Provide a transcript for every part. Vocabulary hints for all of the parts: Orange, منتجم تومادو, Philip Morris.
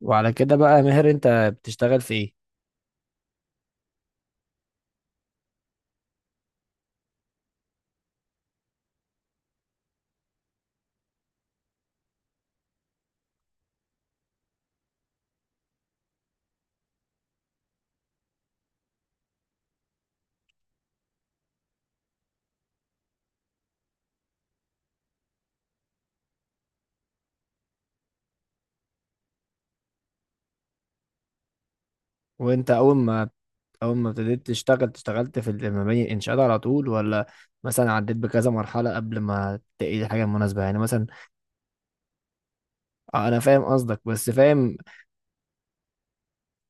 وعلى كده بقى يا ماهر انت بتشتغل في ايه؟ وانت اول ما ابتديت تشتغل اشتغلت في المباني الانشاءات على طول، ولا مثلا عديت بكذا مرحلة قبل ما تلاقي الحاجة المناسبة؟ يعني مثلا اه انا فاهم قصدك، بس فاهم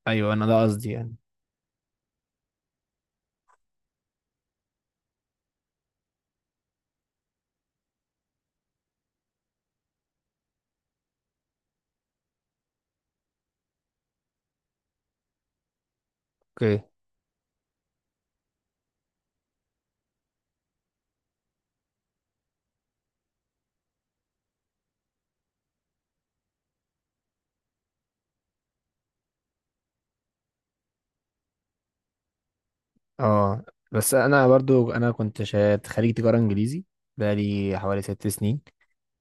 ايوه، انا ده قصدي يعني. اوكي. اه بس انا برضو انا كنت خريج تجارة انجليزي بقالي حوالي 6 سنين.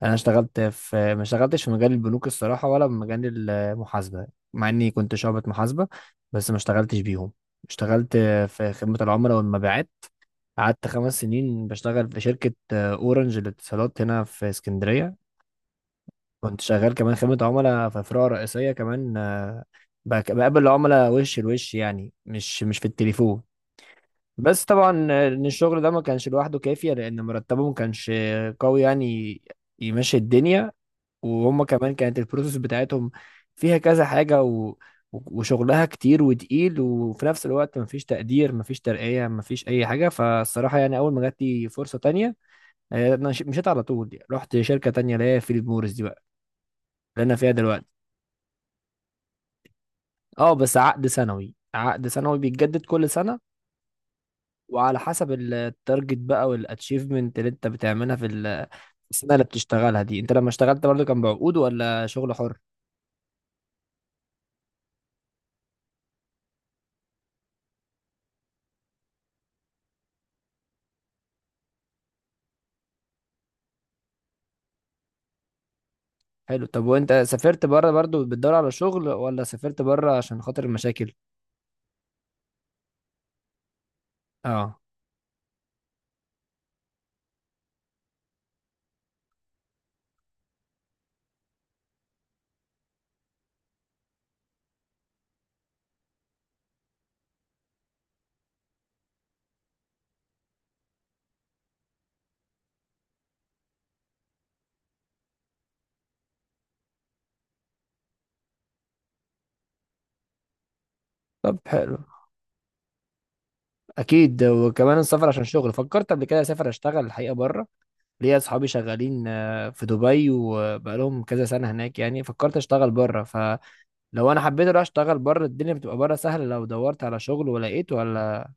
انا اشتغلت في ما اشتغلتش في مجال البنوك الصراحه، ولا في مجال المحاسبه، مع اني كنت شعبة محاسبه، بس ما اشتغلتش بيهم. اشتغلت في خدمه العملاء والمبيعات. قعدت 5 سنين بشتغل في شركه اورنج للاتصالات هنا في اسكندريه. كنت شغال كمان خدمه عملاء في فروع رئيسيه كمان، بقابل العملاء وش لوش، يعني مش في التليفون. بس طبعا ان الشغل ده ما كانش لوحده كافية، لان مرتبه ما كانش قوي يعني يمشي الدنيا. وهم كمان كانت البروسيس بتاعتهم فيها كذا حاجة. وشغلها كتير وتقيل، وفي نفس الوقت مفيش تقدير، مفيش ترقية، مفيش أي حاجة. فالصراحة يعني أول ما جات لي فرصة تانية، أنا مشيت على طول يعني. رحت شركة تانية اللي هي فيليب موريس دي بقى، اللي أنا فيها دلوقتي. أه بس عقد سنوي، عقد سنوي بيتجدد كل سنة، وعلى حسب التارجت بقى والاتشيفمنت اللي انت بتعملها في السنة اللي بتشتغلها دي. انت لما اشتغلت برضه كان بعقود ولا شغل حر؟ حلو. طب وانت سافرت بره برضو بتدور على شغل، ولا سافرت بره عشان خاطر المشاكل؟ اه. طب حلو، اكيد. وكمان السفر عشان شغل فكرت قبل كده اسافر اشتغل الحقيقه بره. ليا اصحابي شغالين، آه، في دبي وبقالهم كذا سنه هناك يعني. فكرت اشتغل بره، فلو انا حبيت اروح اشتغل بره الدنيا بتبقى بره سهله لو دورت على شغل ولقيت، ولا؟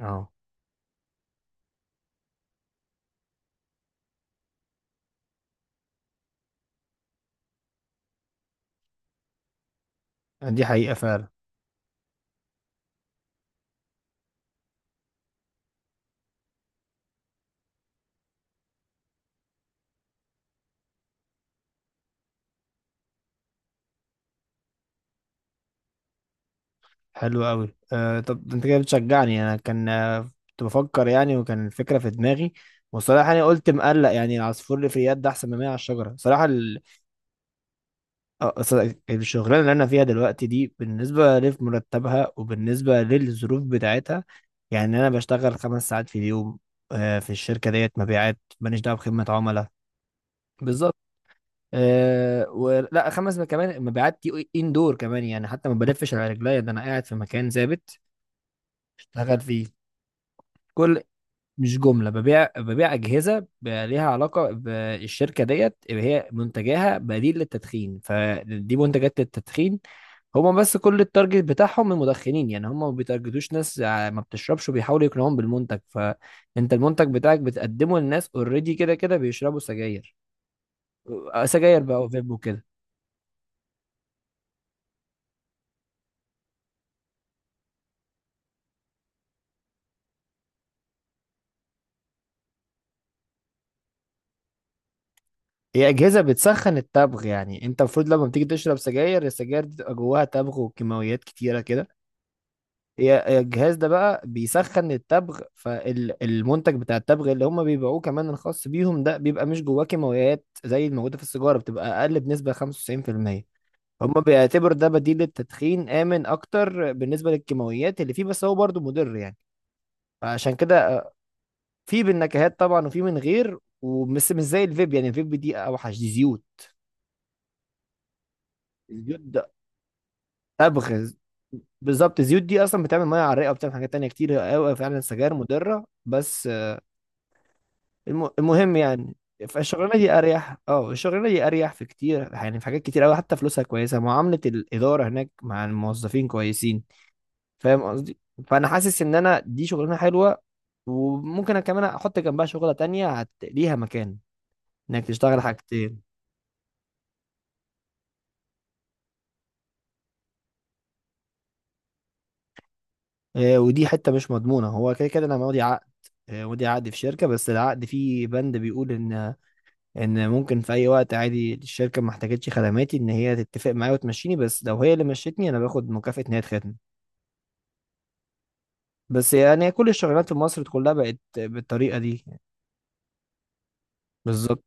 اه دي حقيقه فعلا. حلو قوي. آه طب ده انت كده بتشجعني، انا كان، آه، كنت بفكر يعني، وكان الفكره في دماغي. وصراحه انا قلت مقلق، يعني العصفور اللي في اليد ده احسن من 100 على الشجره صراحه. آه، أصل الشغلانه اللي انا فيها دلوقتي دي بالنسبه لمرتبها وبالنسبه للظروف بتاعتها، يعني انا بشتغل 5 ساعات في اليوم، آه، في الشركه ديت مبيعات، ماليش دعوه بخدمه عملاء. بالظبط. أه ولا خمس، كمان مبيعات دي اندور كمان يعني، حتى ما بلفش على رجليا، ده انا قاعد في مكان ثابت اشتغل فيه. كل مش جملة، ببيع أجهزة ليها علاقة بالشركة ديت اللي هي منتجاها بديل للتدخين، فدي منتجات للتدخين. هما بس كل التارجت بتاعهم المدخنين يعني، هما ما بيتارجتوش ناس ما بتشربش، وبيحاولوا يقنعوهم بالمنتج. فأنت المنتج بتاعك بتقدمه للناس اوريدي كده كده بيشربوا سجاير، آه، سجاير بقى وفيب وكده. هي أجهزة بتسخن التبغ، يعني أنت المفروض لما بتيجي تشرب سجاير، السجاير دي تبقى جواها تبغ وكيماويات كتيرة كده. هي الجهاز ده بقى بيسخن التبغ، فالمنتج بتاع التبغ اللي هم بيبيعوه كمان الخاص بيهم ده بيبقى مش جواه كيماويات زي الموجودة في السيجارة، بتبقى أقل بنسبة 95%. هم بيعتبر ده بديل للتدخين آمن أكتر بالنسبة للكيماويات اللي فيه، بس هو برضه مضر يعني. فعشان كده، آه، في بالنكهات طبعا وفي من غير، ومش مش زي الفيب يعني، الفيب دي أوحش، دي زيوت. الزيوت ده تبغ. بالظبط، الزيوت دي اصلا بتعمل ميه عرقه، وبتعمل حاجات تانية كتير قوي، فعلا سجاير مضره بس. المهم يعني، فالشغلانه دي اريح، اه الشغلانه دي اريح في كتير، يعني في حاجات كتير قوي، حتى فلوسها كويسه، معامله الاداره هناك مع الموظفين كويسين. فاهم قصدي؟ فانا حاسس ان انا دي شغلانه حلوه، وممكن أنا كمان احط جنبها شغله تانية ليها مكان انك تشتغل حاجتين. آه ودي حته مش مضمونه، هو كده كده انا ماضي عقد، آه ماضي عقد في شركه، بس العقد فيه بند بيقول ان ان ممكن في اي وقت عادي الشركه ما احتاجتش خدماتي ان هي تتفق معايا وتمشيني، بس لو هي اللي مشيتني انا باخد مكافاه ان هي تخدم. بس يعني كل الشغلانات في مصر كلها بقت بالطريقه دي. بالظبط.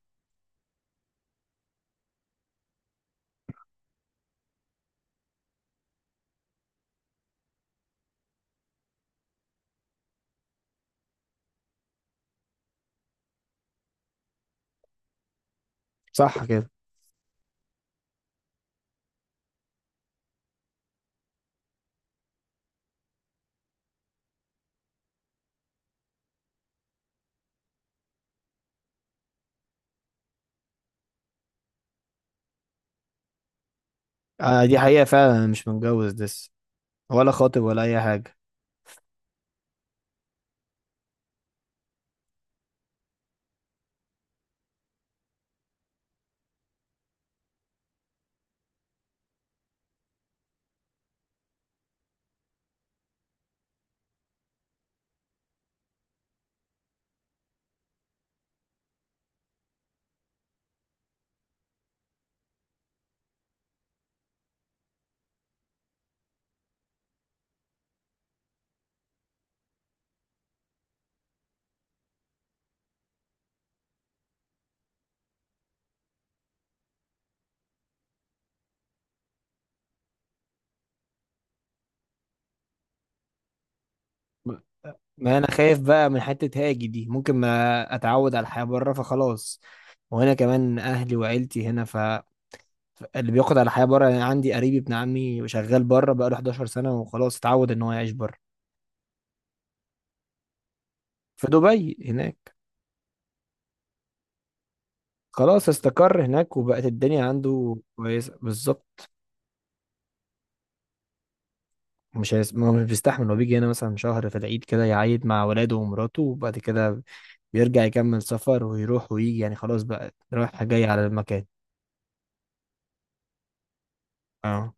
صح كده. آه دي حقيقه فعلا، انا مش متجوز لسه، ولا خاطب ولا اي حاجه. ما ما انا خايف بقى من حته هاجي دي، ممكن ما اتعود على الحياه بره فخلاص. وهنا كمان اهلي وعيلتي هنا، ف اللي بياخد على الحياه بره، يعني عندي قريبي ابن عمي شغال بره بقاله 11 سنه وخلاص اتعود ان هو يعيش بره. في دبي هناك. خلاص استقر هناك وبقت الدنيا عنده كويسة بالظبط. مش هيس... ما هو مش بيستحمل، هو بيجي هنا مثلا شهر في العيد كده يعيد مع ولاده ومراته، وبعد كده بيرجع يكمل سفر ويروح ويجي يعني، خلاص بقى رايح جاي على المكان. اه.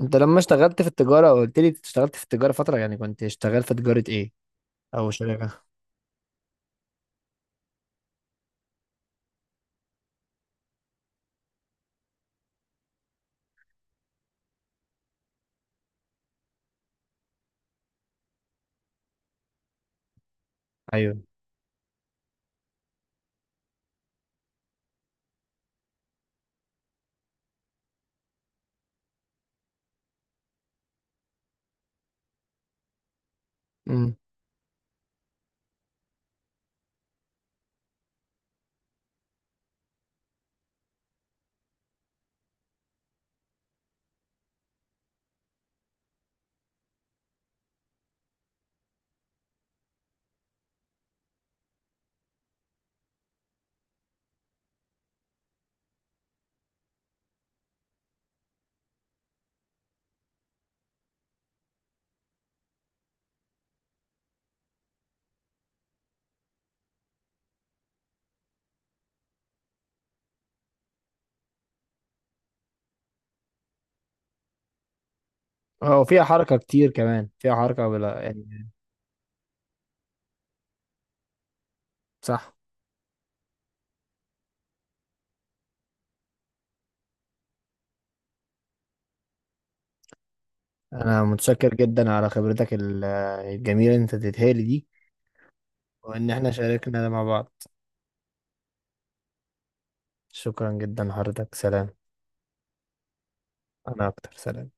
انت لما اشتغلت في التجارة قلت لي اشتغلت في التجارة فترة، يعني كنت شغال في تجارة ايه او شركة؟ ايوه. امم. اه فيها حركة كتير، كمان فيها حركة بلا يعني. صح. انا متشكر جدا على خبرتك الجميلة اللي انت اديتها لي دي، وإن إحنا شاركنا ده مع بعض. شكرا جدا حضرتك، سلام. أنا أكتر، سلام.